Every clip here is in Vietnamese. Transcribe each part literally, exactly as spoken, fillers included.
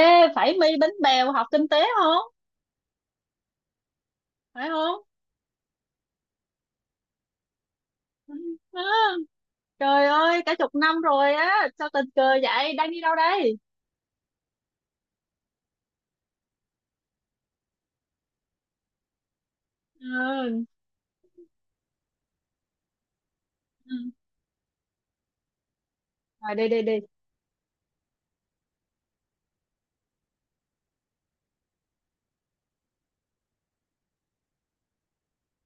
Ê, phải mi bánh bèo học kinh tế không? Phải không? Đó. Trời ơi, cả chục năm rồi á, sao tình cờ vậy? Đang đi đâu đây? Ừ. Ừ. Rồi đi đi đi.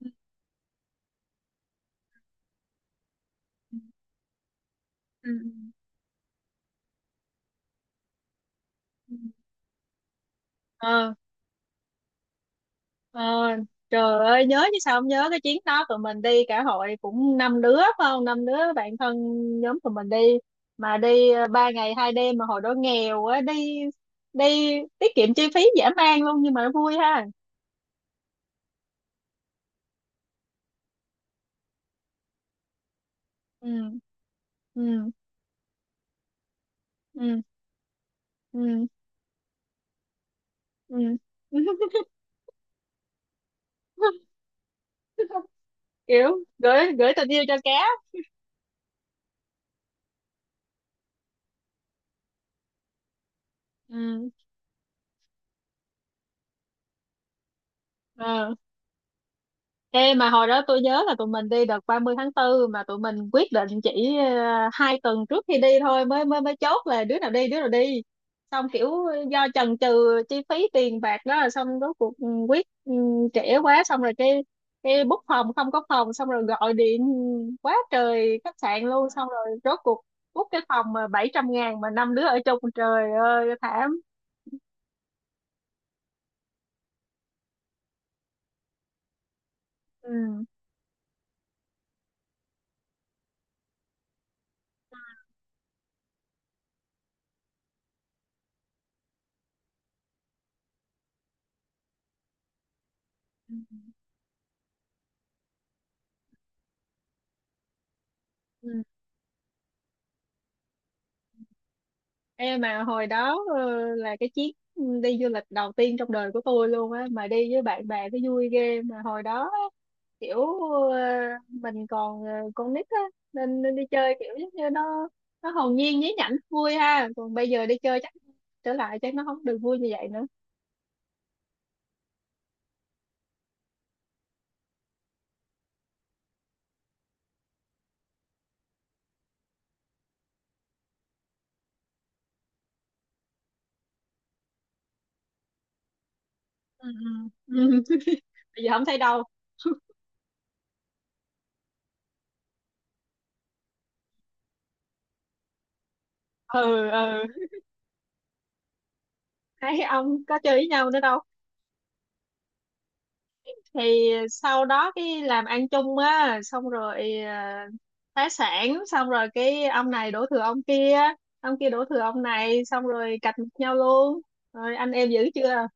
Ừ. Ừ. ừ. Ờ, ờ, trời ơi, nhớ chứ sao không nhớ? Cái chuyến đó tụi mình đi cả hội cũng năm đứa phải không? Năm đứa bạn thân nhóm tụi mình đi, mà đi ờ, ba ngày hai đêm, mà hồi đó nghèo á, đi đi tiết kiệm chi phí dã man luôn, nhưng mà vui ha. Ừ. Ừ. Ừ. Ừ. ừ. Kiểu gửi gửi tình yêu cho cá. Ừ. ờ. Ê, mà hồi đó tôi nhớ là tụi mình đi đợt ba mươi tháng tư, mà tụi mình quyết định chỉ ờ, hai tuần trước khi đi thôi, mới mới mới chốt là đứa nào đi đứa nào đi, xong kiểu do chần chừ chi phí tiền bạc đó, xong rốt cuộc ừ, quyết ừ, trễ quá, xong rồi cái cái book phòng không có phòng, xong rồi gọi điện quá trời khách sạn luôn, xong rồi rốt cuộc book cái phòng mà bảy trăm ngàn mà năm đứa ở chung, trời ơi thảm. Ừ. Ừ. Ê, mà hồi đó ờ, là cái chuyến đi du lịch đầu tiên trong đời của tôi luôn á, mà đi với bạn bè cái vui ghê. Mà hồi đó á, kiểu ờ, mình còn ờ, con nít á, nên, nên đi chơi kiểu giống như nó nó hồn nhiên nhí nhảnh vui ha, còn bây giờ đi chơi chắc trở lại chắc nó không được vui như vậy nữa. Ừ. ừ. Ừ. Bây giờ không thấy đâu. Ừ. Ừ. Thấy ông có chơi với nhau nữa đâu. Thì sau đó cái làm ăn chung á, xong rồi ờ, phá sản, xong rồi cái ông này đổ thừa ông kia, ông kia đổ thừa ông này, xong rồi cạch mặt nhau luôn. Rồi anh em dữ chưa.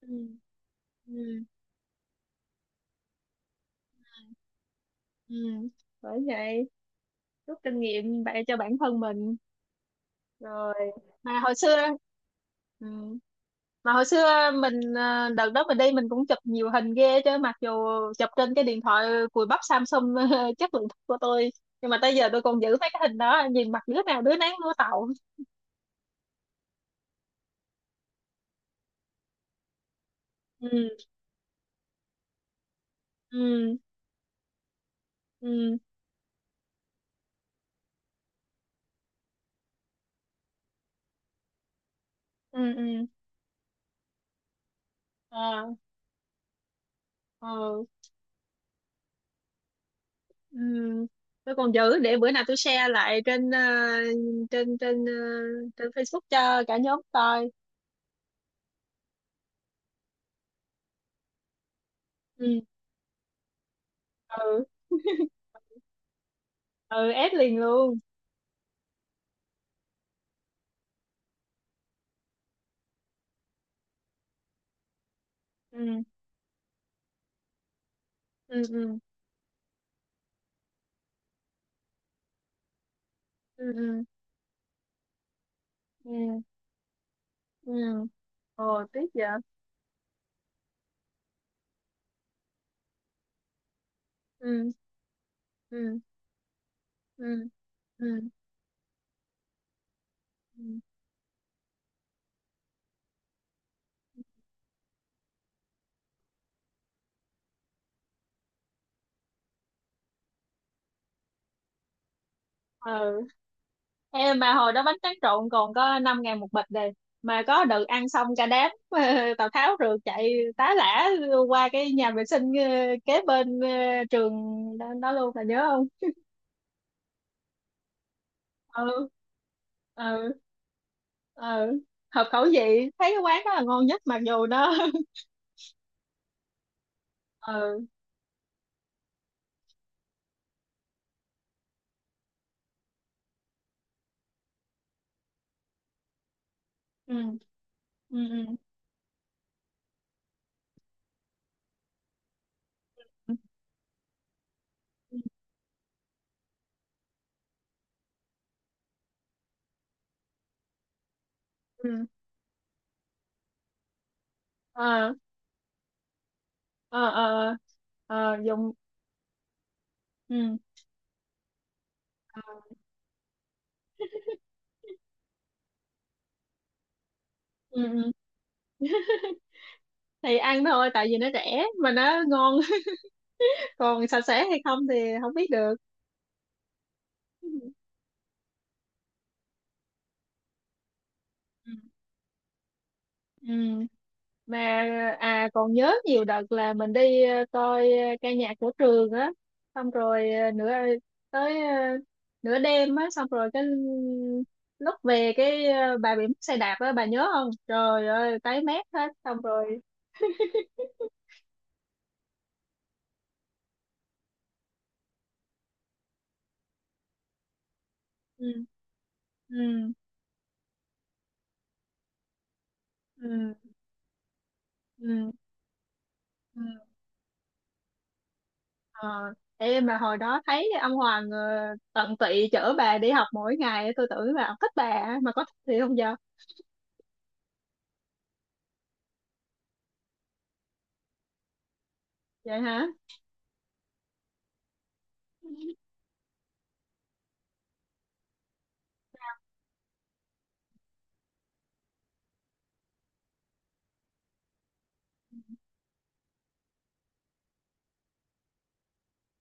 Ừ. Ừ. Ừ. Bởi vậy rút kinh nghiệm bạn cho bản thân mình rồi. Mà hồi xưa ừ. Mà hồi xưa mình ờ, đợt đó mình đi mình cũng chụp nhiều hình ghê chứ, mặc dù chụp trên cái điện thoại cùi bắp Samsung chất lượng thấp của tôi, nhưng mà tới giờ tôi còn giữ mấy cái hình đó, nhìn mặt đứa nào đứa nấy mua tậu. Ừ. Ừ. Ừ. Ừ. Ừ. ờ. ờ. ừ. Tôi còn giữ để bữa nào tôi share lại trên ờ, trên trên ờ, trên Facebook cho cả nhóm coi. Ừ. Ừ. Ừ. Ép liền luôn. Ừ. Ừ. Ừ. Ừ. Ừ. Ừ. Ừ. Ồ tiếc vậy. Ừ. Ừ. Ừ. Ừ. Ừ. Ừ. Em mà hồi đó bánh tráng trộn còn có năm ngàn một bịch đây. Mà có đợt ăn xong cả đám Tào Tháo rượt chạy tá lả qua cái nhà vệ sinh ờ, kế bên ờ, trường đó, đó luôn, là nhớ không? Ừ. Ừ. Ừ. Hợp khẩu vị, thấy cái quán đó là ngon nhất, mặc dù nó. Ừ. Ừ. Ừ. Ừ. Ừ. Ờ. Ờ. Ờ. Ờ. Ờ. Dùng. Ừ. Ừ. Ừ. Thì ăn thôi, tại vì nó rẻ mà nó ngon. Còn sạch sẽ hay không thì không biết được. Ừ. Ừ. Mà à còn nhớ nhiều đợt là mình đi ờ, coi ờ, ca nhạc của trường á, xong rồi ờ, nửa ờ, tới ờ, nửa đêm á, xong rồi cái lúc về cái ờ, bà bị mất xe đạp á, bà nhớ không? Trời ơi tái mét hết. Xong rồi. Ừ. Ừ. Ừ. Ừ. Ừ. Ờ, em mà hồi đó thấy ông Hoàng ờ, tận tụy chở bà đi học mỗi ngày, tôi tưởng là ông thích bà á, mà có thích thì không giờ. Vậy hả.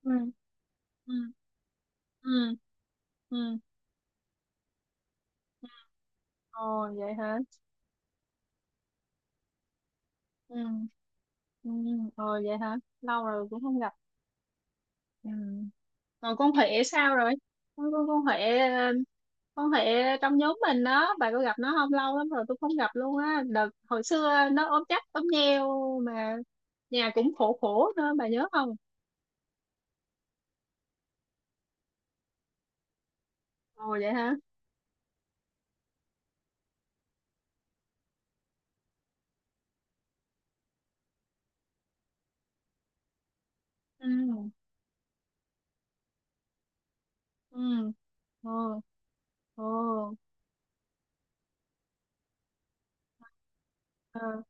Ừ. Ừ. Ừ. Ừ. Ồ vậy hả. Ừ. Ừ. Ừ. Ồ vậy hả, lâu rồi cũng không gặp. Ừ. Còn con Huệ sao rồi? Con con con Huệ ờ, con Huệ trong nhóm mình đó, bà có gặp nó không? Lâu lắm rồi tôi không gặp luôn á, đợt hồi xưa nó ốm chắc ốm nheo mà, nhà cũng khổ khổ nữa, bà nhớ không? Ồ vậy hả. Ừ. Ừ. Ồ. Ồ. Ờ.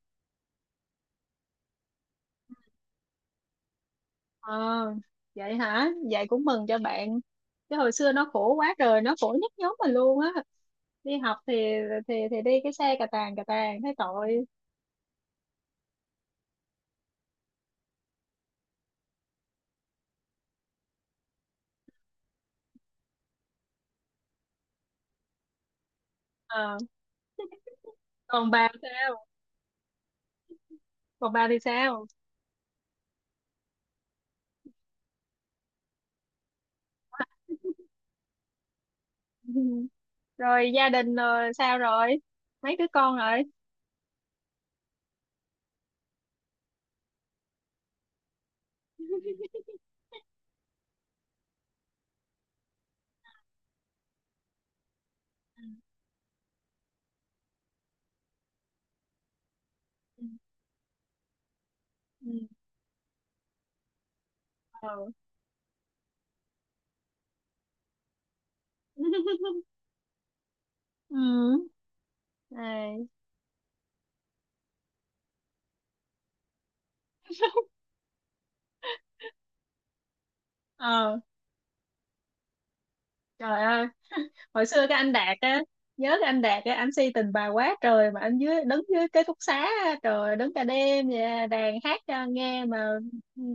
ờ vậy hả, vậy cũng mừng cho bạn, chứ hồi xưa nó khổ quá rồi, nó khổ nhất nhóm mình luôn á, đi học thì thì thì đi cái xe cà tàng cà tàng thấy tội. Ờ. còn bà sao còn bà thì sao? Ừ. Rồi gia đình rồi sao rồi, mấy đứa con rồi? Ừ. Ừ. Ừ. Ờ. Ừ. Này. Ờ trời ơi, hồi xưa cái anh Đạt á, nhớ cái anh Đạt á, anh si tình bà quá trời mà, anh dưới đứng dưới cái ký túc xá á, trời ơi, đứng cả đêm vậy, à, đàn hát cho nghe mà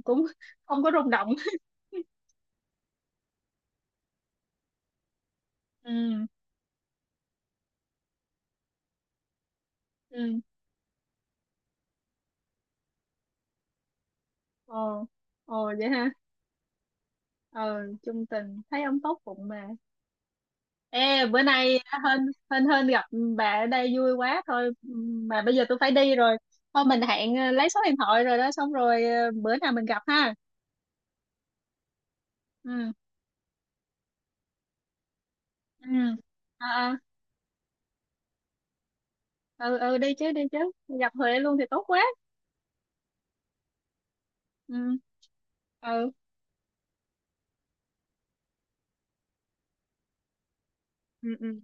cũng không có rung động. Ừ. Ừ. Ồ. Ồ vậy ha. Ờ. Chung tình, thấy ông tốt bụng mà. Ê bữa nay hên. Hên hên gặp bà ở đây vui quá thôi. Mà bây giờ tôi phải đi rồi, thôi mình hẹn ờ, lấy số điện thoại rồi đó, xong rồi ờ, bữa nào mình gặp ha. Ừ. Ừ. Ờ, ờ. Ừ. Ừ. Đi chứ đi chứ, nhập Huệ luôn thì tốt quá. Ừ. Ừ. Ừ. Ừ.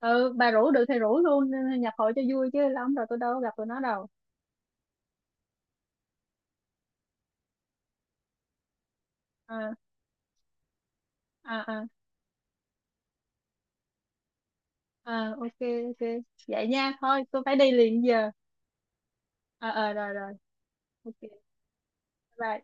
Ừ. Bà rủ được thì rủ luôn, nhập hội cho vui, chứ lâu lắm rồi tôi đâu có gặp tụi nó đâu. À. À. À. À. Ok ok. Vậy nha, thôi tôi phải đi liền giờ. Ờ. Ờ. Rồi rồi. Ok. Bye.